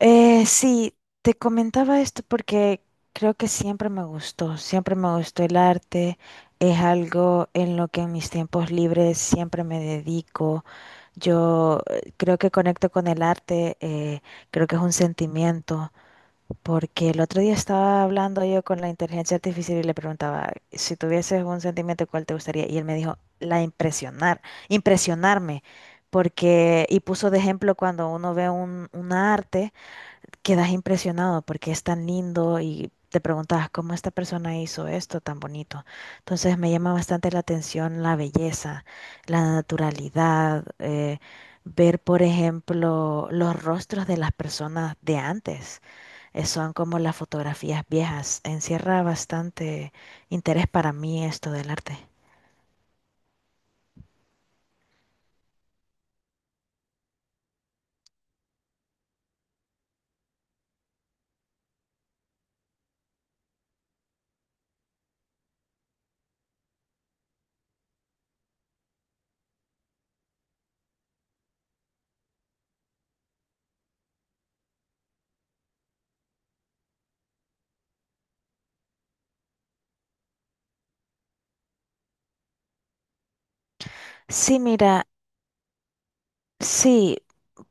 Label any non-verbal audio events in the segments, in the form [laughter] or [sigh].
Eh, sí, Te comentaba esto porque creo que siempre me gustó el arte, es algo en lo que en mis tiempos libres siempre me dedico. Yo creo que conecto con el arte, creo que es un sentimiento, porque el otro día estaba hablando yo con la inteligencia artificial y le preguntaba, si tuvieses un sentimiento, ¿cuál te gustaría? Y él me dijo, la impresionar, impresionarme, porque, y puso de ejemplo cuando uno ve un arte, quedas impresionado porque es tan lindo y te preguntas cómo esta persona hizo esto tan bonito. Entonces me llama bastante la atención la belleza, la naturalidad, ver, por ejemplo, los rostros de las personas de antes. Son como las fotografías viejas. Encierra bastante interés para mí esto del arte. Sí, mira, sí,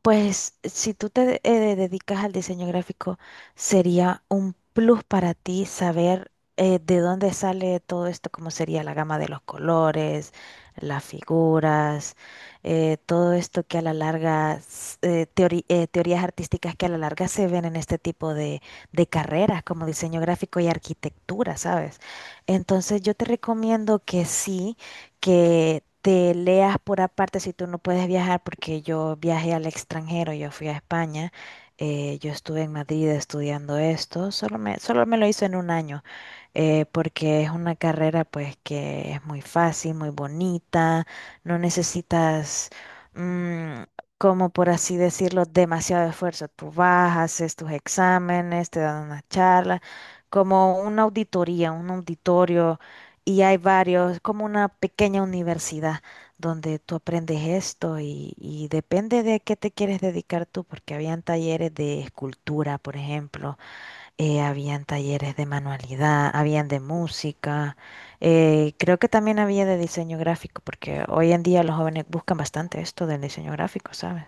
pues si tú dedicas al diseño gráfico, sería un plus para ti saber de dónde sale todo esto, cómo sería la gama de los colores, las figuras, todo esto que a la larga, teorías artísticas que a la larga se ven en este tipo de carreras como diseño gráfico y arquitectura, ¿sabes? Entonces yo te recomiendo que sí, que te leas por aparte si tú no puedes viajar, porque yo viajé al extranjero, yo fui a España, yo estuve en Madrid estudiando esto, solo me lo hizo en un año, porque es una carrera pues que es muy fácil, muy bonita, no necesitas... mm, como por así decirlo, demasiado esfuerzo. Tú vas, haces tus exámenes, te dan una charla, como una auditoría, un auditorio, y hay varios, como una pequeña universidad donde tú aprendes esto y depende de qué te quieres dedicar tú, porque habían talleres de escultura, por ejemplo, habían talleres de manualidad, habían de música, creo que también había de diseño gráfico, porque hoy en día los jóvenes buscan bastante esto del diseño gráfico, ¿sabes?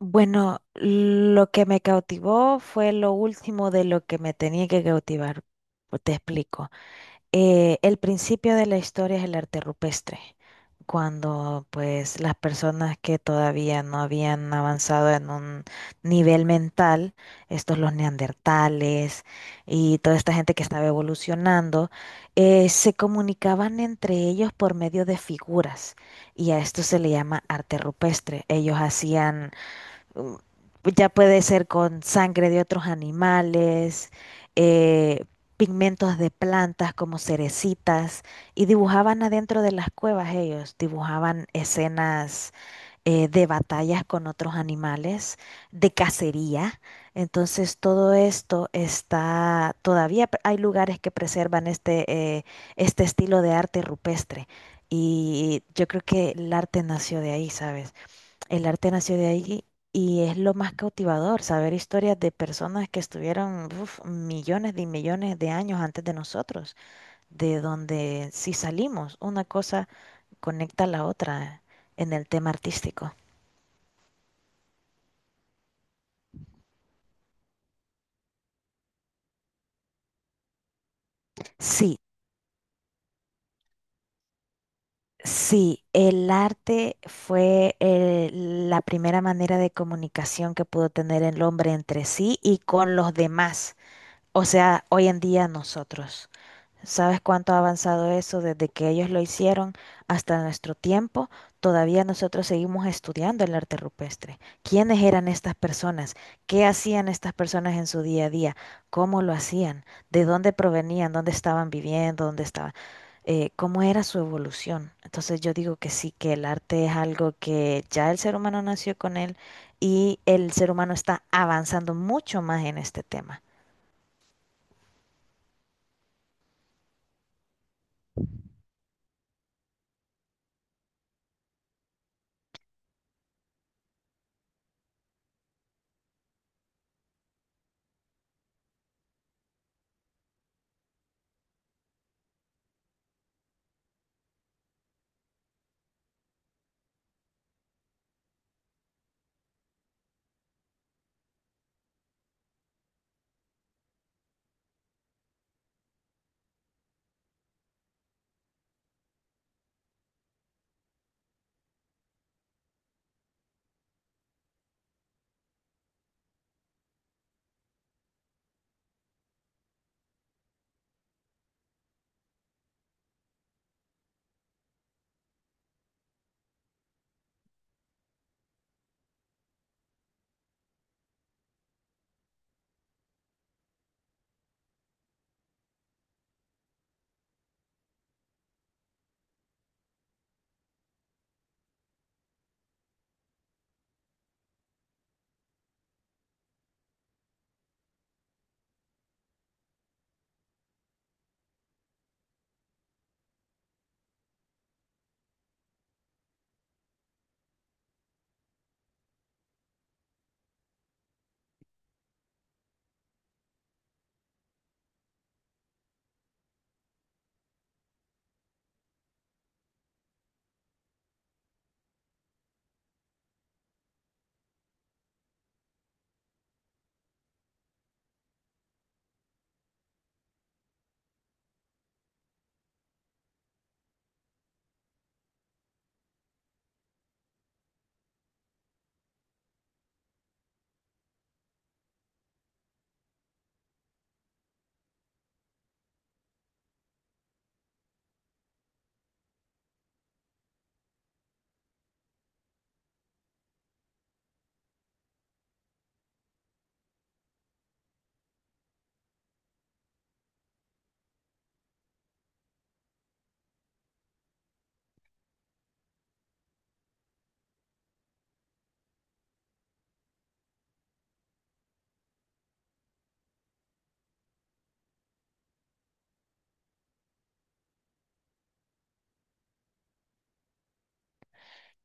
Bueno, lo que me cautivó fue lo último de lo que me tenía que cautivar. Pues te explico. El principio de la historia es el arte rupestre, cuando pues las personas que todavía no habían avanzado en un nivel mental, estos los neandertales y toda esta gente que estaba evolucionando, se comunicaban entre ellos por medio de figuras y a esto se le llama arte rupestre. Ellos hacían, mm, ya puede ser con sangre de otros animales, eh, pigmentos de plantas como cerecitas, y dibujaban adentro de las cuevas ellos, dibujaban escenas de batallas con otros animales, de cacería. Entonces todo esto está, hay lugares que preservan este este estilo de arte rupestre. Y yo creo que el arte nació de ahí, ¿sabes? El arte nació de ahí y es lo más cautivador, saber historias de personas que estuvieron uf, millones y millones de años antes de nosotros, de donde si salimos, una cosa conecta a la otra en el tema artístico. Sí, sí, el arte fue la primera manera de comunicación que pudo tener el hombre entre sí y con los demás, o sea, hoy en día nosotros. ¿Sabes cuánto ha avanzado eso desde que ellos lo hicieron hasta nuestro tiempo? Todavía nosotros seguimos estudiando el arte rupestre. ¿Quiénes eran estas personas? ¿Qué hacían estas personas en su día a día? ¿Cómo lo hacían? ¿De dónde provenían? ¿Dónde estaban viviendo? ¿Dónde estaban? ¿Cómo era su evolución? Entonces yo digo que sí, que el arte es algo que ya el ser humano nació con él y el ser humano está avanzando mucho más en este tema.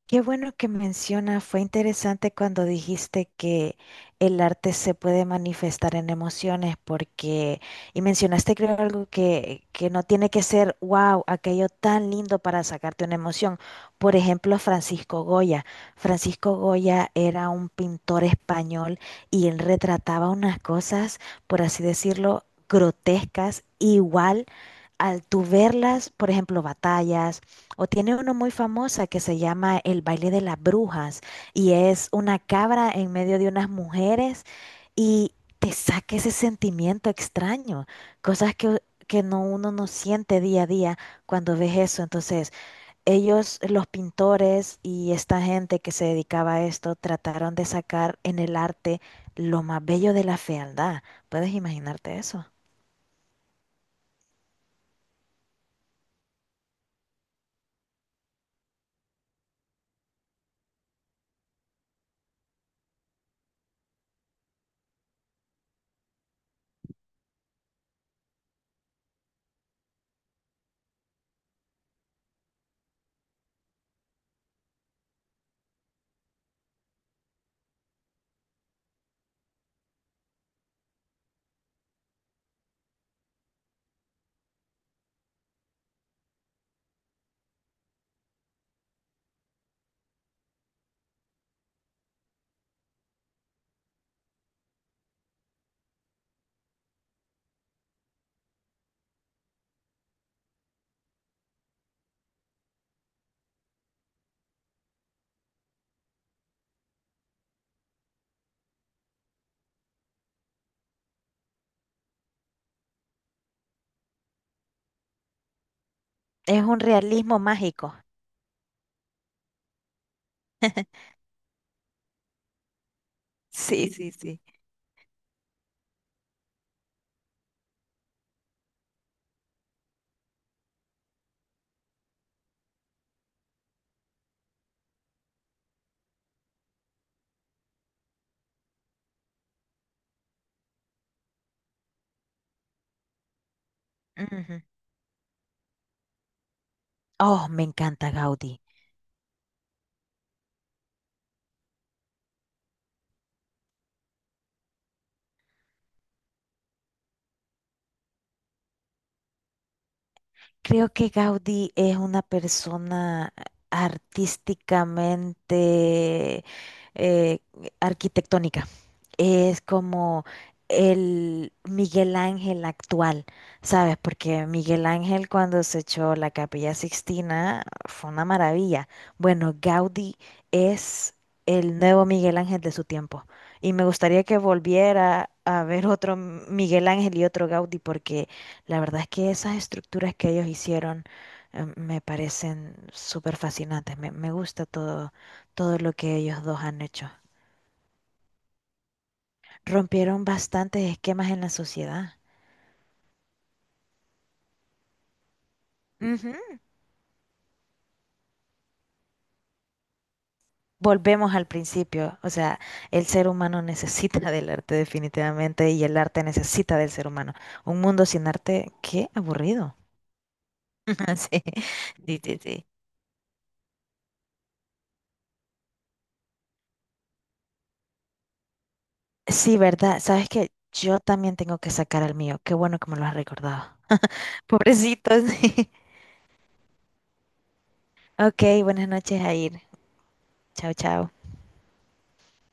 Qué bueno que menciona, fue interesante cuando dijiste que el arte se puede manifestar en emociones, porque, y mencionaste creo algo que no tiene que ser, wow, aquello tan lindo para sacarte una emoción. Por ejemplo, Francisco Goya. Francisco Goya era un pintor español y él retrataba unas cosas, por así decirlo, grotescas, igual al tú verlas, por ejemplo, batallas o tiene uno muy famosa que se llama El baile de las brujas y es una cabra en medio de unas mujeres y te saca ese sentimiento extraño, cosas que no, uno no siente día a día cuando ves eso. Entonces, ellos, los pintores y esta gente que se dedicaba a esto, trataron de sacar en el arte lo más bello de la fealdad. ¿Puedes imaginarte eso? Es un realismo mágico. Sí, sí, sí. Ujú. Oh, me encanta Gaudí. Creo que Gaudí es una persona artísticamente, eh, arquitectónica, es como el Miguel Ángel actual, ¿sabes? Porque Miguel Ángel cuando se echó la Capilla Sixtina fue una maravilla. Bueno, Gaudí es el nuevo Miguel Ángel de su tiempo. Y me gustaría que volviera a ver Miguel Ángel y otro Gaudí, porque la verdad es que esas estructuras que ellos hicieron me parecen súper fascinantes. Me gusta todo, todo lo que ellos dos han hecho. Rompieron bastantes esquemas en la sociedad. Ujú. Volvemos al principio, o sea, el ser humano necesita del arte definitivamente y el arte necesita del ser humano. Un mundo sin arte, qué aburrido. [laughs] Sí, sí, sí, sí. Sí, verdad. Sabes que yo también tengo que sacar al mío. Qué bueno que me lo has recordado. [laughs] Pobrecitos. [laughs] Ok, buenas noches, Jair. Chao, chao.